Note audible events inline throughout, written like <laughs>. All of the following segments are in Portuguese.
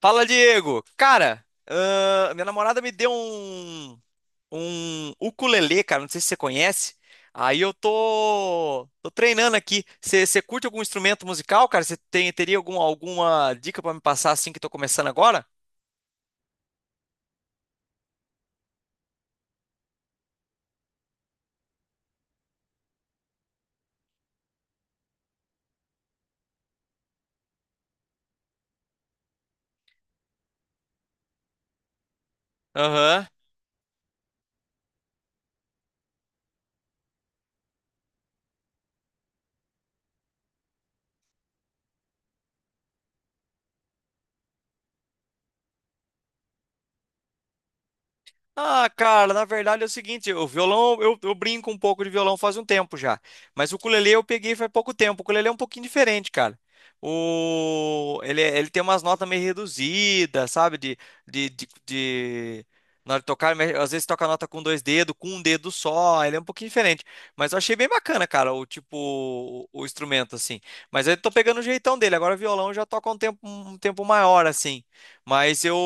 Fala, Diego! Cara, minha namorada me deu um ukulele, cara, não sei se você conhece. Aí eu tô treinando aqui. Você curte algum instrumento musical, cara? Você teria alguma dica pra me passar assim que tô começando agora? Aham. Ah, cara, na verdade é o seguinte, o violão, eu brinco um pouco de violão faz um tempo já, mas o ukulele eu peguei faz pouco tempo, o ukulele é um pouquinho diferente, cara. Ele tem umas notas meio reduzidas, sabe, de, de, de- na hora de tocar, mas às vezes toca a nota com dois dedos, com um dedo só, ele é um pouquinho diferente, mas eu achei bem bacana, cara, o instrumento, assim, mas eu tô pegando o jeitão dele, agora o violão eu já toca um tempo maior, assim, mas eu,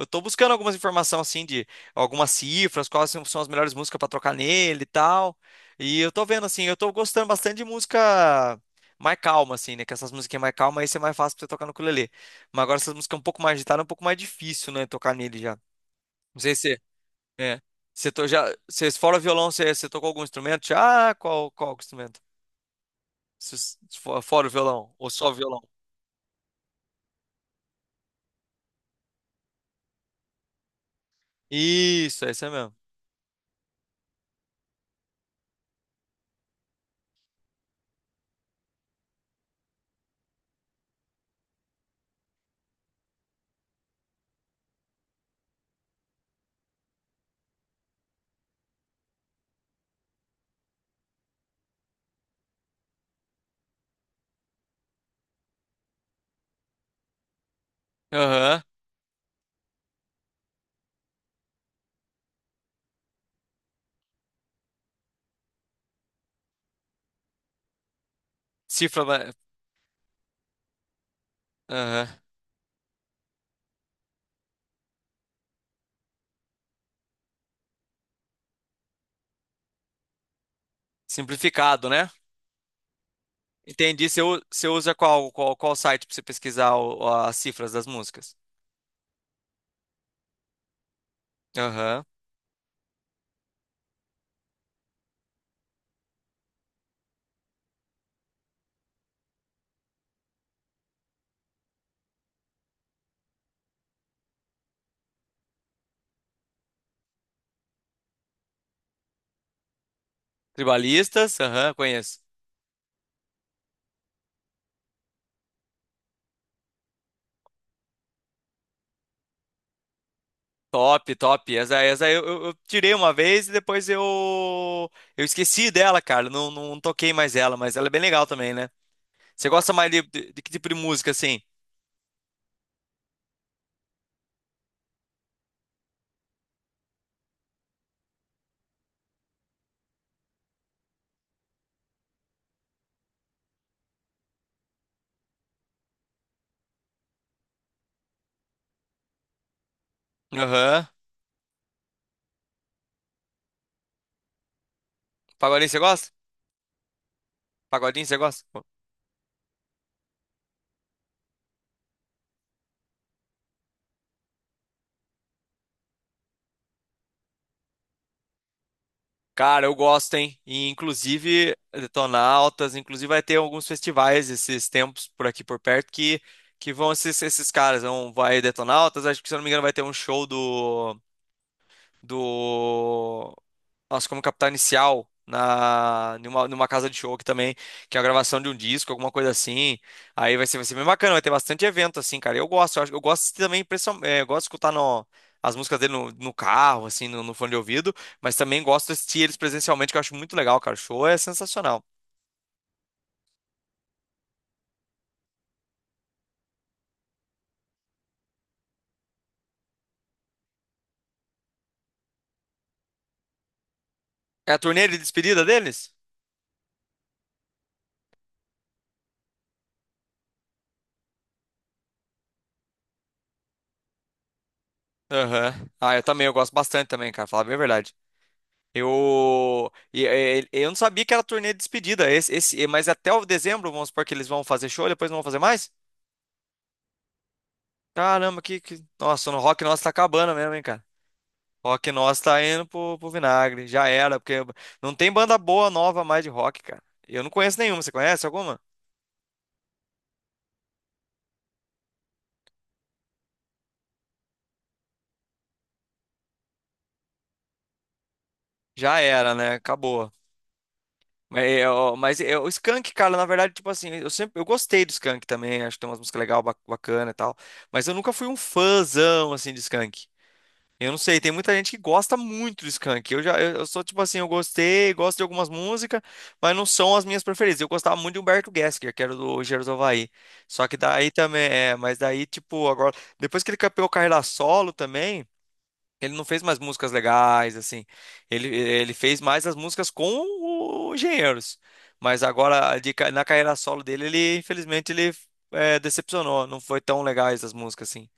eu tô buscando algumas informações, assim, de algumas cifras, quais são as melhores músicas para trocar nele e tal. E eu tô vendo assim, eu tô gostando bastante de música mais calma assim, né? Que essas musiquinhas mais calmas aí ser mais fácil pra você tocar no ukulele. Mas agora essas músicas um pouco mais agitadas, é um pouco mais difícil, né, tocar nele já. Não sei se é. Você to, já, você, fora o violão, você tocou algum instrumento? Já? Ah, qual instrumento? Se- se for- Fora o violão ou só o violão? Isso, é isso aí mesmo. Aham. Cifra, ma- aham. Simplificado, né? Entendi. Você usa qual site para você pesquisar as cifras das músicas? Aham. Tribalistas? Aham, conheço. Top, top. Essa eu tirei uma vez e eu esqueci dela, cara. Não toquei mais ela, mas ela é bem legal também, né? Você gosta mais de que tipo de música, assim? Aham. Pagodinho você gosta? Pagodinho você gosta? Cara, eu gosto, hein? E, inclusive, Detonautas, inclusive vai ter alguns festivais esses tempos por aqui por perto que vão ser esses caras. Vai Detonautas, acho que se eu não me engano vai ter um show do, do nossa, como Capital Inicial na numa, numa casa de show que também, que é a gravação de um disco, alguma coisa assim. Aí vai ser bem bacana, vai ter bastante evento assim, cara. Eu gosto, eu gosto também, eu gosto de escutar as músicas dele no carro, assim, no fone de ouvido, mas também gosto de assistir eles presencialmente, que eu acho muito legal, cara. O show é sensacional. É a turnê de despedida deles? Aham. Ah, eu também, eu gosto bastante também, cara, falar bem a verdade. Eu, e- eu não sabia que era turnê de despedida. Mas até o dezembro, vamos supor que eles vão fazer show, depois não vão fazer mais? Caramba, nossa, no rock nosso tá acabando mesmo, hein, cara? Rock nosso tá indo pro vinagre. Já era, porque não tem banda boa nova mais de rock, cara. Eu não conheço nenhuma. Você conhece alguma? Já era, né? Acabou. O Skank, cara, na verdade, tipo assim, eu gostei do Skank também. Acho que tem umas músicas legais, bacana e tal. Mas eu nunca fui um fãzão, assim, de Skank. Eu não sei, tem muita gente que gosta muito do Skank. Eu sou tipo assim, gosto de algumas músicas, mas não são as minhas preferidas. Eu gostava muito de Humberto Gessinger, que era do Engenheiros do Havaí. Só que daí também, mas daí tipo, agora, depois que ele campeou carreira solo também, ele não fez mais músicas legais, assim. Ele fez mais as músicas com o Engenheiros. Mas agora, na carreira solo dele, ele, infelizmente, decepcionou. Não foi tão legais as músicas, assim.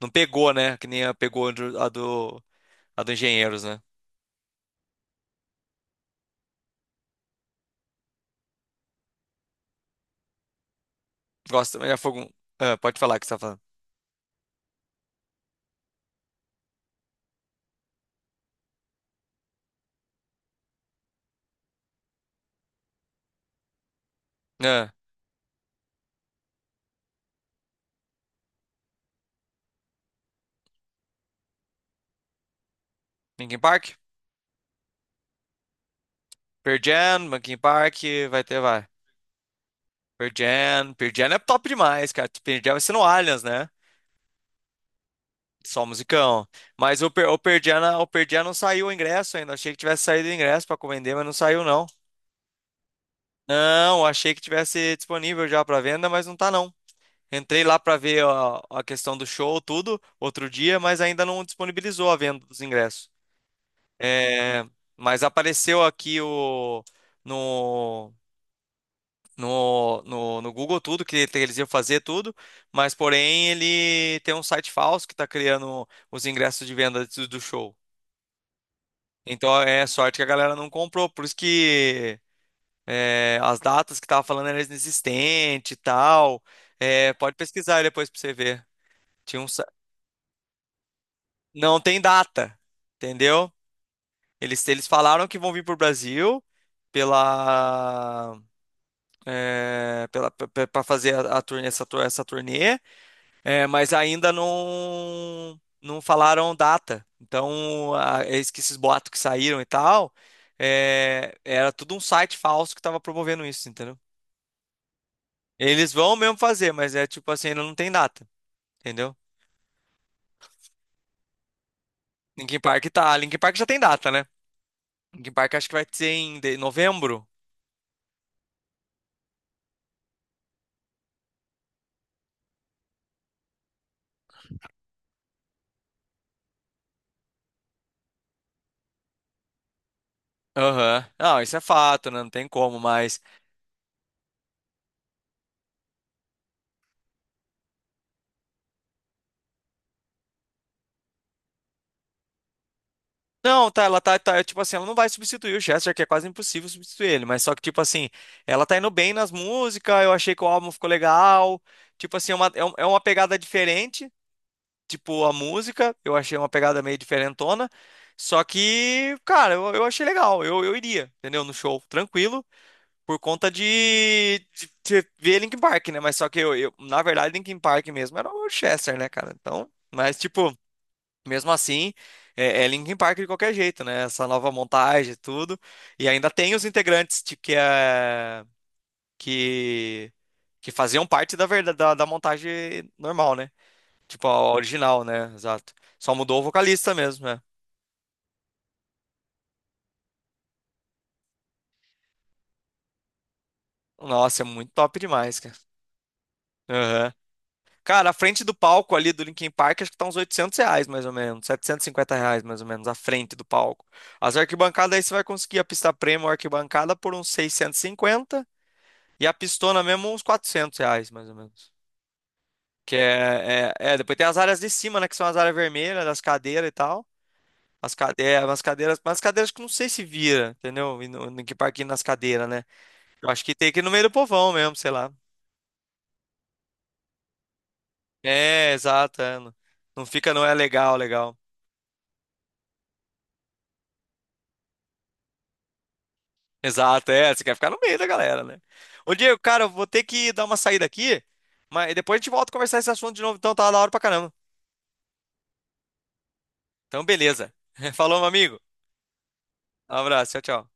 Não pegou, né? Que nem a pegou a do a do Engenheiros, né? Gosto também da Fogo. Ah, pode falar o que você tá falando. Ah, Linkin Park? Pearl Jam, Linkin Park, vai. Pearl Jam é top demais, cara. Pearl Jam vai ser no Allianz, né? Só musicão. Mas o, Per- o Pearl Jam não saiu o ingresso ainda. Achei que tivesse saído o ingresso pra vender, mas não saiu, não. Não, achei que tivesse disponível já pra venda, mas não tá, não. Entrei lá pra ver a questão do show, tudo, outro dia, mas ainda não disponibilizou a venda dos ingressos. É, mas apareceu aqui o no, no, no, no Google tudo eles iam fazer tudo, mas porém ele tem um site falso que está criando os ingressos de venda do show. Então é sorte que a galera não comprou, por isso que é, as datas que tava falando eram inexistentes e tal. É, pode pesquisar aí depois para você ver. Tinha um, sa- não tem data, entendeu? Eles falaram que vão vir pro Brasil pela para fazer a turnê, essa turnê, é, mas ainda não falaram data. Então, a, eis que esses boatos que saíram e tal, é, era tudo um site falso que estava promovendo isso, entendeu? Eles vão mesmo fazer, mas é tipo assim, ainda não tem data, entendeu? Linkin Park já tem data, né? Linkin Park acho que vai ser novembro. Aham. Não, isso é fato, né? Não tem como, mas não, tá, tipo assim, ela não vai substituir o Chester, que é quase impossível substituir ele, mas só que, tipo assim, ela tá indo bem nas músicas, eu achei que o álbum ficou legal, tipo assim, é uma pegada diferente, tipo, a música, eu achei uma pegada meio diferentona, só que, cara, eu achei legal, eu iria, entendeu, no show, tranquilo, por conta de ver Linkin Park, né, mas só que eu, na verdade, Linkin Park mesmo era o Chester, né, cara, então, mas, tipo, mesmo assim, é, é Linkin Park de qualquer jeito, né? Essa nova montagem e tudo. E ainda tem os integrantes de, que, é, que, que faziam parte da montagem normal, né? Tipo, a original, né? Exato. Só mudou o vocalista mesmo, né? Nossa, é muito top demais, cara. Aham. Cara, a frente do palco ali do Linkin Park, acho que tá uns R$ 800, mais ou menos. R$ 750, mais ou menos, a frente do palco. As arquibancadas aí você vai conseguir a pista premium, arquibancada por uns 650. E a pistona mesmo, uns R$ 400, mais ou menos. Que é, é, é, depois tem as áreas de cima, né? Que são as áreas vermelhas, das cadeiras e tal. As cadeiras, mas as cadeiras que eu não sei se vira, entendeu? E no, no, que parquinho nas cadeiras, né? Eu acho que tem que ir no meio do povão mesmo, sei lá. É, exato. Não fica, não é legal, legal. Exato, é. Você quer ficar no meio da galera, né? Ô, Diego, cara, eu vou ter que dar uma saída aqui, mas depois a gente volta a conversar esse assunto de novo, então tá da hora pra caramba. Então, beleza. <laughs> Falou, meu amigo. Um abraço, tchau, tchau.